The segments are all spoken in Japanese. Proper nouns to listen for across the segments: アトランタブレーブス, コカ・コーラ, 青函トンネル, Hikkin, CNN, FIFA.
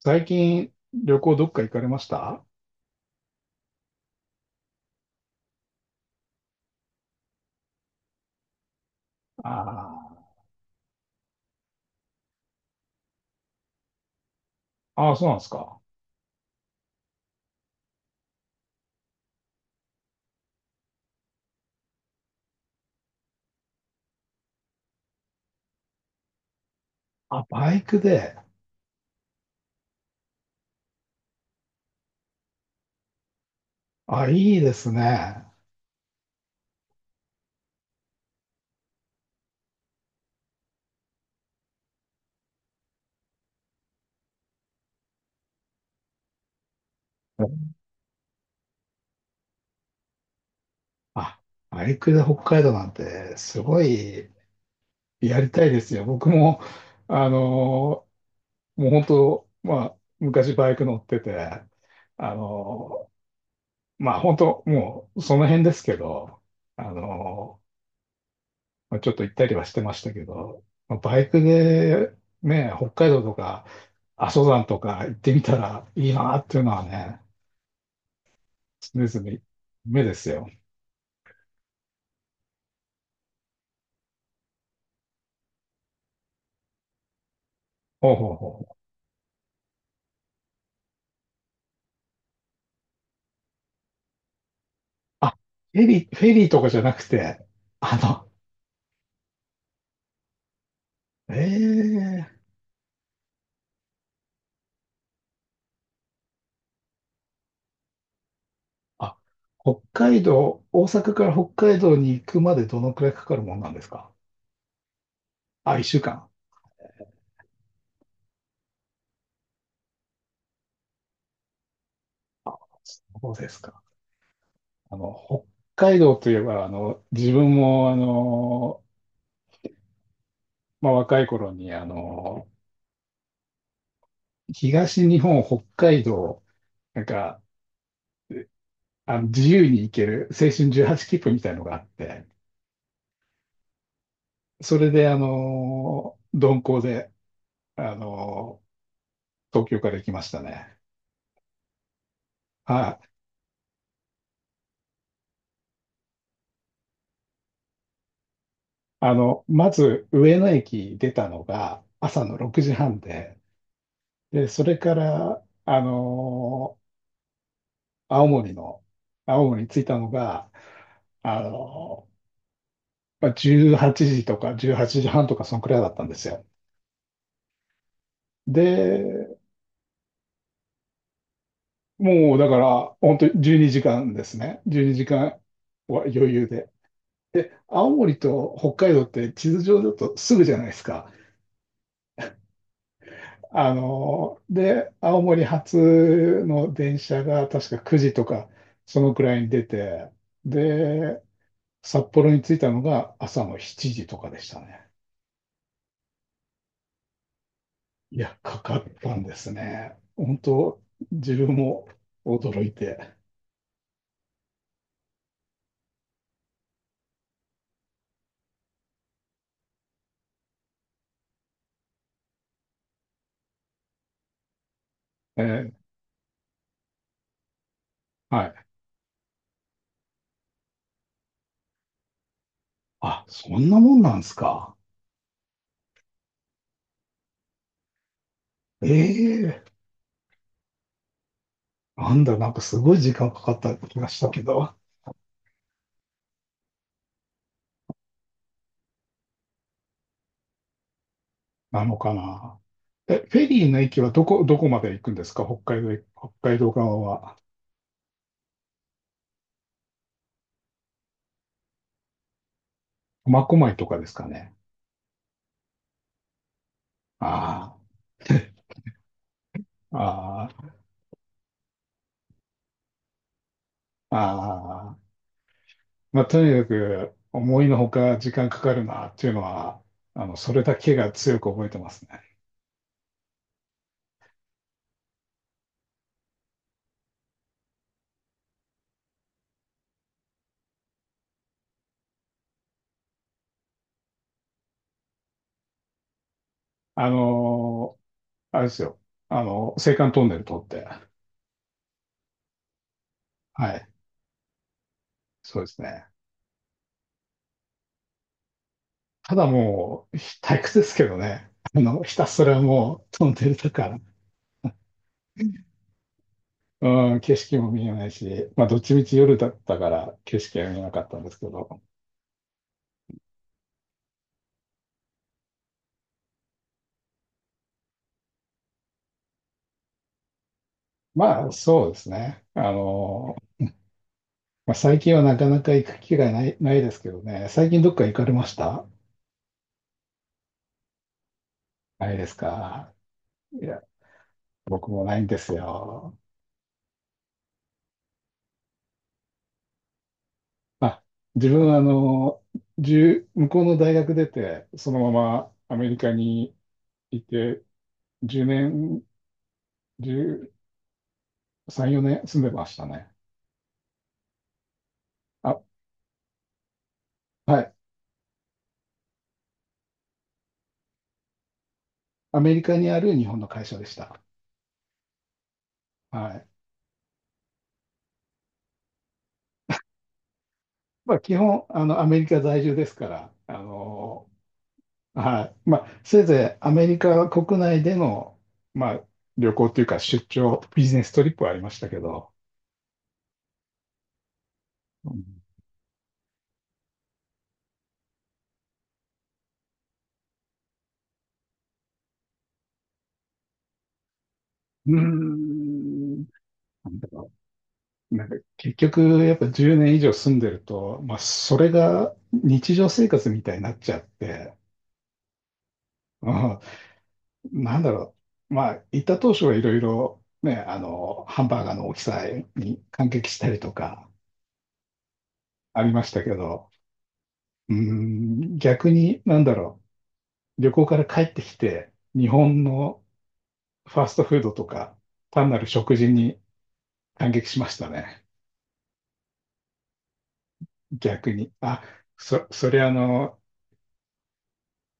最近、旅行どっか行かれましたあ？あー、あーそうなんですか。あ、バイクで。あ、いいですね。あ、バイクで北海道なんて、すごいやりたいですよ。僕も、あのーもう本当、まあ、昔バイク乗ってて、あのーまあ本当、もうその辺ですけど、あのーまあ、ちょっと行ったりはしてましたけど、まあ、バイクでね、北海道とか阿蘇山とか行ってみたらいいなっていうのはね、常々目ですよ。ほうほうほう。あ、フェリーとかじゃなくて、あの、ええあ、北海道、大阪から北海道に行くまでどのくらいかかるもんなんですか？あ、一週間。そうですか。あの、北海道といえば、あの、自分も、あの、まあ、若い頃に、あの、東日本、北海道、なんか、あの、自由に行ける青春18切符みたいのがあって、それで、鈍行で、あの東京から行きましたね。はい。あの、まず、上野駅出たのが朝の6時半で、で、それから、ー、青森の、青森に着いたのが、あのまあ18時とか18時半とか、そのくらいだったんですよ。で、もうだから、本当に12時間ですね。12時間は余裕で。で、青森と北海道って地図上だとすぐじゃないですか。あの、で、青森発の電車が確か9時とか、そのくらいに出て、で、札幌に着いたのが朝の7時とかでしたね。いや、かかったんですね。本当、自分も驚いて。えーはい。あ、そんなもんなんですか？ええなんだ、なんかすごい時間かかった気がしたけど、なのかな。え、フェリーの駅はどこまで行くんですか北海道へ、北海道側は？苫小牧とかですかね。ああ、ああ、ああ。まあ、とにかく、思いのほか時間かかるなっていうのは、あの、それだけが強く覚えてますね。あのーあれですよ。あの、青函トンネル通って。はい。そうですね。ただもう、退屈ですけどね。あの、ひたすらもうトンネルだから。うん、景色も見えないし、まあ、どっちみち夜だったから景色は見えなかったんですけど、まあ、そうですね。あの、まあ、最近はなかなか行く機会ないですけどね。最近どっか行かれました？ないですか？いや、僕もないんですよ。まあ、自分はあの、1向こうの大学出て、そのままアメリカにいて、10年、13、4年住んでましたね。あ、はい。アメリカにある日本の会社でした。はい。まあ、基本、あの、アメリカ在住ですから、あの、はい。まあ、せいぜいアメリカ国内での、まあ、旅行というか出張、ビジネストリップはありましたけど、うん、うーんなんだろう。なんか、結局、やっぱ10年以上住んでると、まあ、それが日常生活みたいになっちゃって、うんなんだろう。まあ、行った当初はいろいろ、ね、あの、ハンバーガーの大きさに感激したりとか、ありましたけど、うーん、逆に、なんだろう。旅行から帰ってきて、日本のファーストフードとか、単なる食事に感激しましたね。逆に。あ、それあの、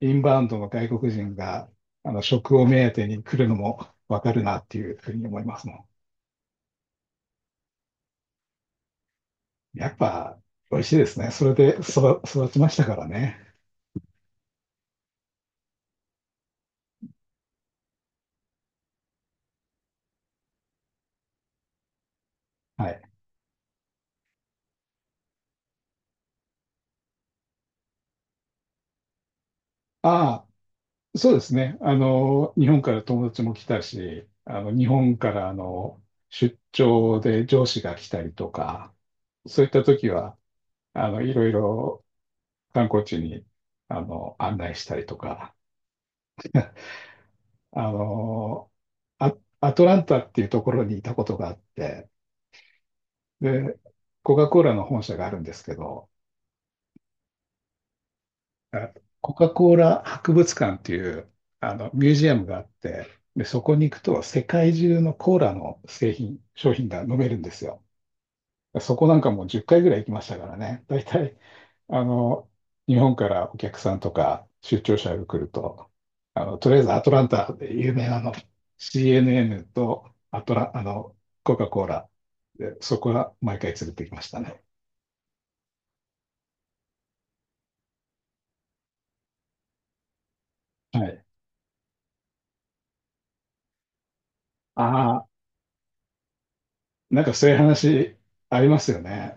インバウンドの外国人が、あの、食を目当てに来るのもわかるなっていうふうに思いますもん。やっぱ、美味しいですね。それで育ちましたからね。はい。ああ、そうですね。あの、日本から友達も来たし、あの、日本からあの、出張で上司が来たりとか、そういった時は、あの、いろいろ観光地に、あの、案内したりとか、あの、ア、アトランタっていうところにいたことがあって、で、コカ・コーラの本社があるんですけど、あコカ・コーラ博物館っていうあのミュージアムがあって、で、そこに行くと世界中のコーラの製品、商品が飲めるんですよ。そこなんかもう10回ぐらい行きましたからね。大体、あの、日本からお客さんとか出張者が来ると、あの、とりあえずアトランタで有名なあの CNN とアトラ、あの、コカ・コーラ、で、そこは毎回連れてきましたね。はい。ああ、なんかそういう話ありますよね。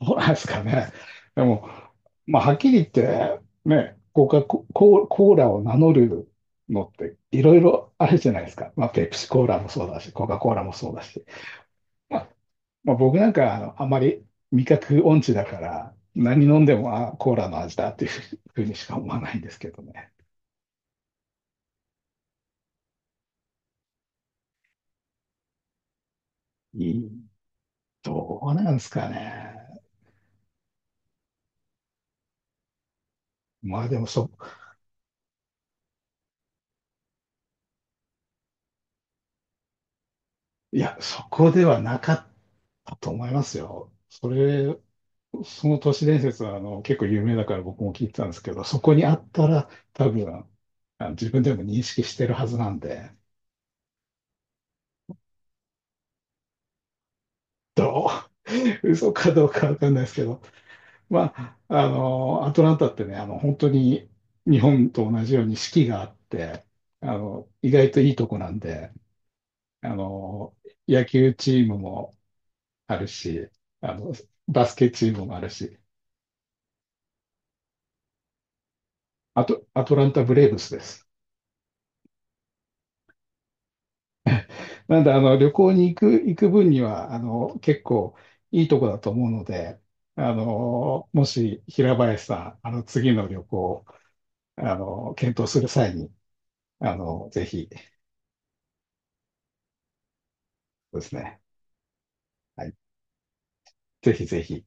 どうなんですかね。でも、まあ、はっきり言って、ね、コカ・ココーコーラを名乗るのっていろいろあるじゃないですか。まあ、ペプシコーラもそうだし、コカ・コーラもそうだし。まあ、まあ、僕なんかあの、あまり味覚音痴だから、何飲んでも、あ、コーラの味だっていうふうにしか思わないんですけどね。いいどうなんですかね。まあでも、いや、そこではなかったと思いますよ。その都市伝説はあの結構有名だから僕も聞いてたんですけど、そこにあったら多分あの自分でも認識してるはずなんで、ど嘘かどうかわかんないですけど、まあ、あの、アトランタってね、あの、本当に日本と同じように四季があって、あの、意外といいとこなんで、あの、野球チームもあるし、あの、バスケチームもあるし、あと、アトランタブレーブスです。なんで、あの、旅行に行く分には、あの、結構いいとこだと思うので、あの、もし平林さん、あの、次の旅行、あの、検討する際に、あの、ぜひですね、はい、ぜひぜひ。